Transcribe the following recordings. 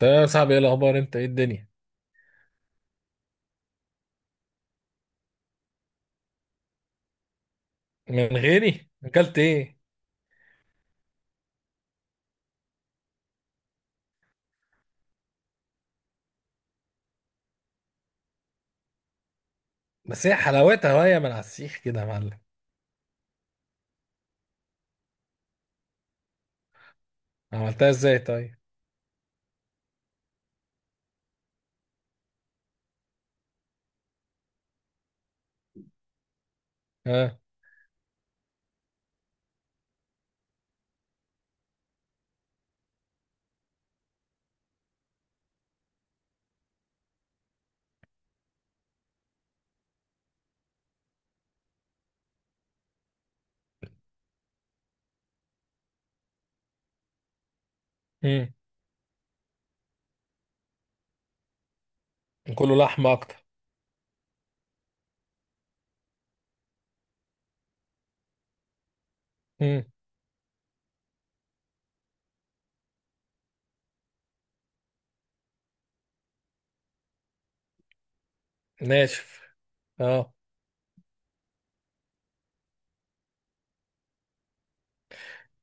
ده يا صاحبي، ايه الاخبار، انت ايه الدنيا؟ من غيري اكلت ايه؟ بس هي حلاوتها وهي من على السيخ كده يا معلم. عملتها ازاي طيب؟ اه. امم. كله لحمه اكتر. امم. ناشف. اه.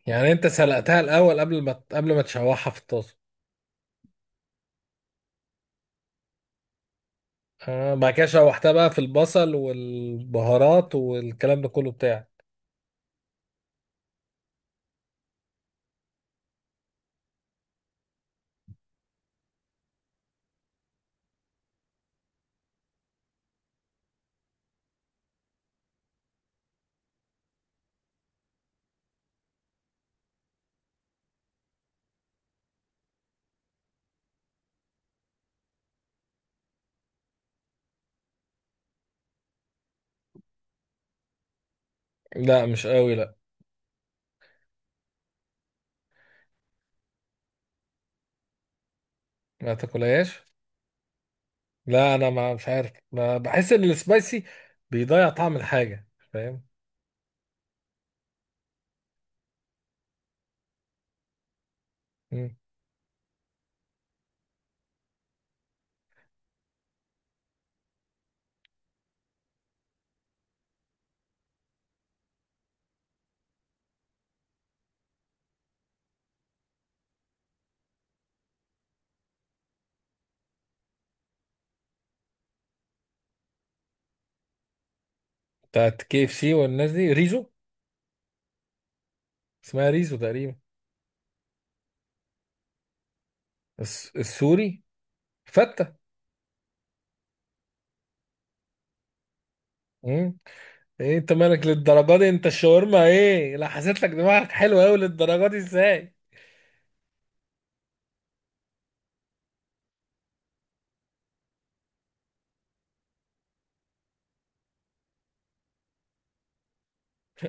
يعني انت سلقتها الاول قبل ما تشوحها في الطاسه؟ اه، بعد كده شوحتها بقى في البصل والبهارات والكلام ده كله بتاعك. لا، مش قوي، لا. ما تاكلهاش. لا انا ما مش عارف، ما بحس ان السبايسي بيضيع طعم الحاجه، فاهم؟ بتاعت كي اف سي والناس دي ريزو. اسمها ريزو تقريبا. السوري. فتة. مم. ايه انت مالك للدرجه دي؟ انت الشاورما ايه؟ لا حسيت لك دماغك حلوه قوي للدرجه دي ازاي؟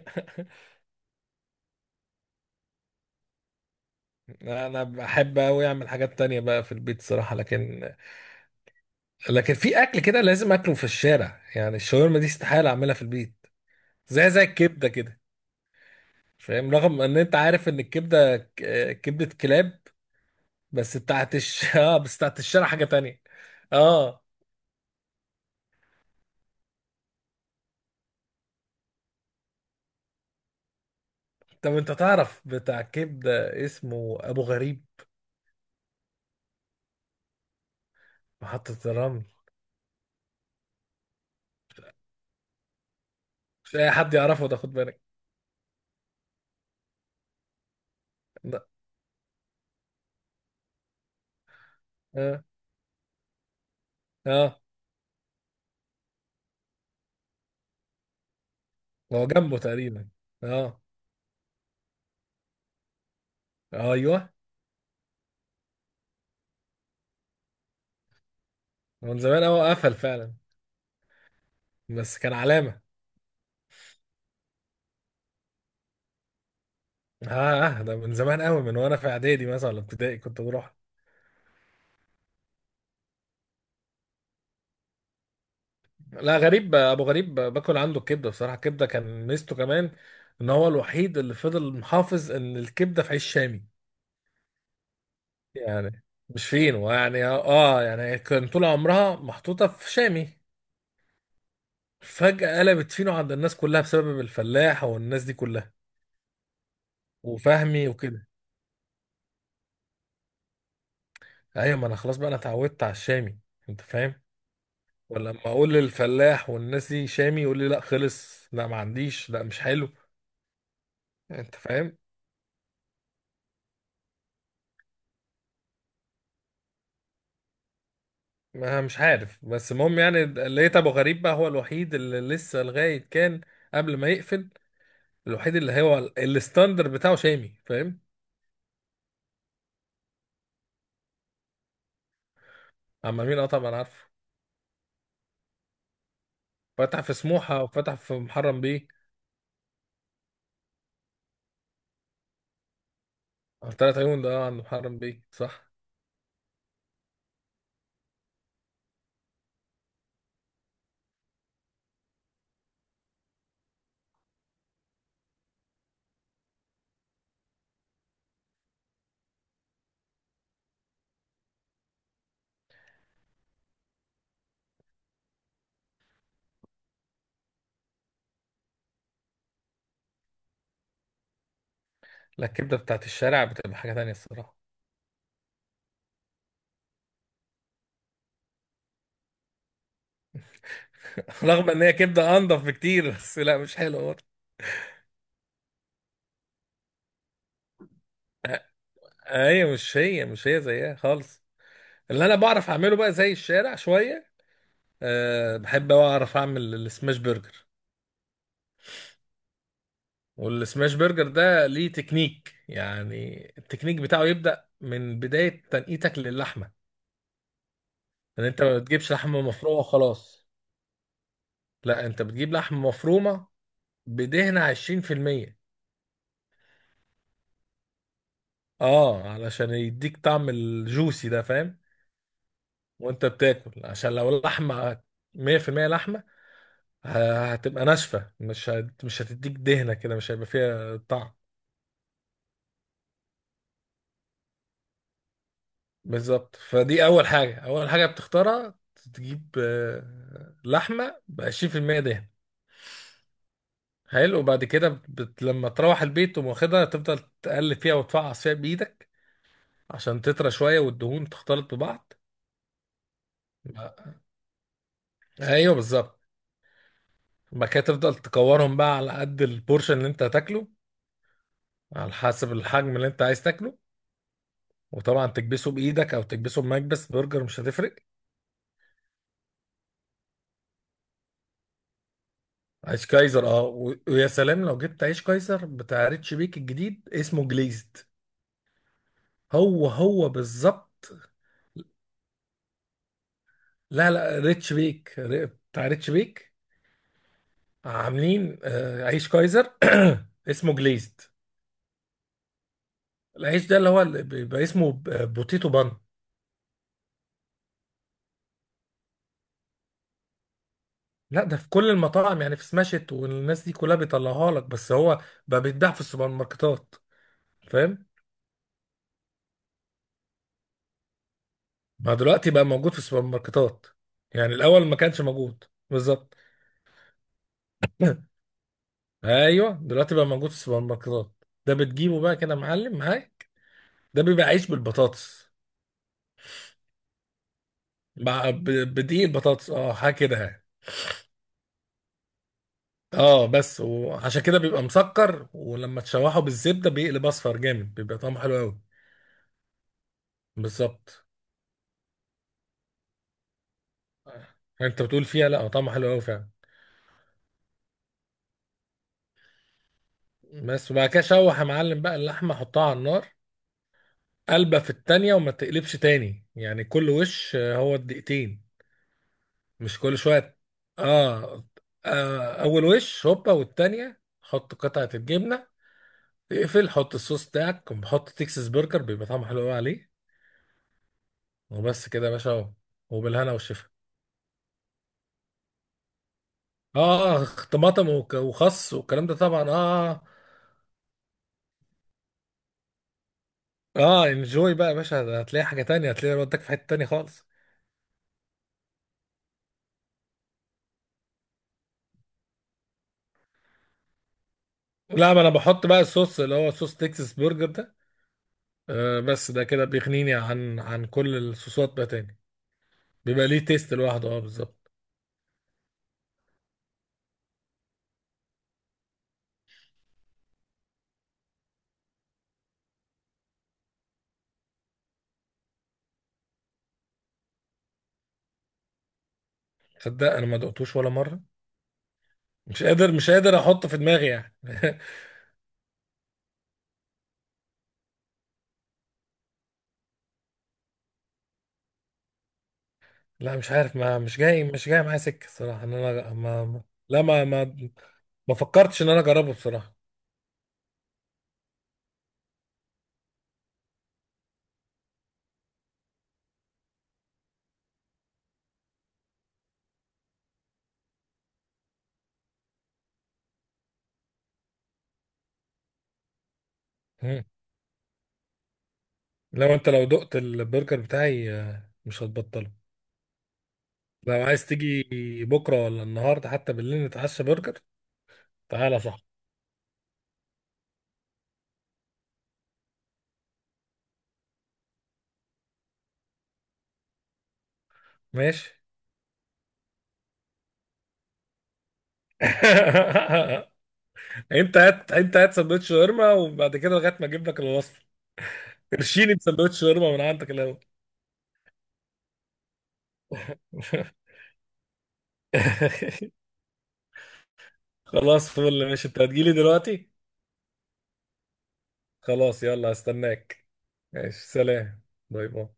لا، انا بحب قوي اعمل حاجات تانية بقى في البيت صراحة، لكن لكن في اكل كده لازم اكله في الشارع، يعني الشاورما دي استحالة اعملها في البيت. زي زي الكبدة كده، فاهم؟ رغم ان انت عارف ان الكبدة كبدة كلاب، بس بتاعت اه بس بتاعت الشارع حاجة تانية. اه. طب انت تعرف بتاع كبده اسمه ابو غريب؟ محطه الرمل. مش اي حد يعرفه ده، خد بالك. لا. اه. اه. هو جنبه تقريبا. اه. ايوه. هو من زمان قوي قفل فعلا، بس كان علامه. اه. اه، ده من زمان قوي، من وانا في اعدادي مثلا ولا ابتدائي كنت بروح. لا غريب، ابو غريب باكل عنده الكبده بصراحه. الكبده كان ميزته كمان ان هو الوحيد اللي فضل محافظ ان الكبده في عيش شامي. يعني مش فين يعني، اه يعني كان طول عمرها محطوطه في شامي. فجأة قلبت فينو عند الناس كلها بسبب الفلاح والناس دي كلها، وفهمي وكده. ايوه ما انا خلاص بقى انا اتعودت على الشامي، انت فاهم؟ ولما اقول للفلاح والناس دي شامي يقول لي لا خلص، لا ما عنديش، لا مش حلو، انت فاهم؟ ما مش عارف، بس المهم يعني لقيت ابو غريب بقى هو الوحيد اللي لسه لغاية كان قبل ما يقفل، الوحيد اللي هو الستاندر بتاعه شامي، فاهم؟ عم مين؟ اه طبعا عارفه. فتح في سموحة وفتح في محرم بيه. ثلاث عيون ده، اه عند محرم بيه صح. لا الكبده بتاعت الشارع بتبقى حاجه تانية الصراحه. رغم ان هي كبده انضف بكتير، بس لا مش حلوه برضه. ايوه مش هي، مش هي زيها خالص. اللي انا بعرف اعمله بقى زي الشارع شويه. أه بحب أوي اعرف اعمل السماش برجر. والسماش برجر ده ليه تكنيك، يعني التكنيك بتاعه يبدا من بدايه تنقيتك للحمه. ان انت ما بتجيبش لحمه مفرومه وخلاص. لا انت بتجيب لحمه مفرومه بدهن 20%. اه علشان يديك طعم الجوسي ده، فاهم؟ وانت بتاكل، عشان لو لحمه 100% لحمه، ه- هتبقى ناشفه، مش مش هتديك دهنه كده، مش هيبقى فيها طعم. بالظبط، فدي اول حاجه، اول حاجه بتختارها، تجيب لحمه ب 20% دهن. حلو. وبعد كده لما تروح البيت تقوم واخدها، تفضل تقلب فيها وتفعص فيها بايدك عشان تطرى شويه والدهون تختلط ببعض. ايوه بالظبط. بعد كده تفضل تكورهم بقى على قد البورشن اللي انت هتاكله، على حسب الحجم اللي انت عايز تاكله. وطبعا تكبسه بايدك او تكبسه بمكبس برجر، مش هتفرق. عيش كايزر، اه، ويا سلام لو جبت عيش كايزر بتاع ريتش بيك الجديد، اسمه جليزد. هو هو بالظبط. لا لا ريتش بيك، بتاع ريتش بيك. عاملين عيش كايزر اسمه جليزد. العيش ده اللي هو اللي بيبقى اسمه بوتيتو بان. لا ده في كل المطاعم، يعني في سماشت والناس دي كلها بيطلعوها لك، بس هو بقى بيتباع في السوبر ماركتات، فاهم؟ ما دلوقتي بقى موجود في السوبر ماركتات، يعني الاول ما كانش موجود. بالظبط. ايوه دلوقتي بقى موجود في السوبر ماركتات. ده بتجيبه بقى كده معلم معاك. ده بيبقى عيش بالبطاطس. مع بدقيق البطاطس، اه حاجه كده يعني. اه بس، وعشان كده بيبقى مسكر، ولما تشوحه بالزبده بيقلب اصفر جامد، بيبقى طعمه حلو قوي. بالظبط. آه. انت بتقول فيها؟ لا هو طعمه حلو قوي فعلا. بس وبعد كده شوح يا معلم بقى اللحمه، حطها على النار قلبة في التانية، وما تقلبش تاني، يعني كل وش هو الدقيقتين، مش كل شوية. آه. آه أول وش هوبا، والتانية حط قطعة الجبنة، اقفل، حط الصوص بتاعك، حط تكساس برجر، بيبقى طعمه حلو قوي عليه. وبس كده يا باشا، اهو. وبالهنا والشفا. اه. طماطم وخس والكلام ده طبعا، اه. اه انجوي بقى يا باشا، ده هتلاقي حاجة تانية، هتلاقي ودك في حتة تانية خالص. لا ما انا بحط بقى الصوص اللي هو صوص تكساس برجر ده، آه بس ده كده بيغنيني عن عن كل الصوصات بقى تاني. بيبقى ليه تيست لوحده، اه بالظبط. تصدق انا ما دقتوش ولا مره، مش قادر احطه في دماغي يعني. لا مش عارف، ما مش جاي، مش جاي معايا سكه الصراحه، ان انا لا ما ما فكرتش ان انا اجربه بصراحه. مم. لو انت لو دقت البرجر بتاعي مش هتبطله. لو عايز تيجي بكره ولا النهارده، حتى بالليل نتعشى برجر، تعالى صح؟ ماشي. انت هات، انت هات سندوتش شاورما، وبعد كده لغايه ما اجيب لك الوصفه. ارشيني بسندوتش شاورما من عندك الاول. خلاص فل، ماشي. انت هتجيلي دلوقتي؟ خلاص يلا، هستناك. ماشي سلام. باي باي.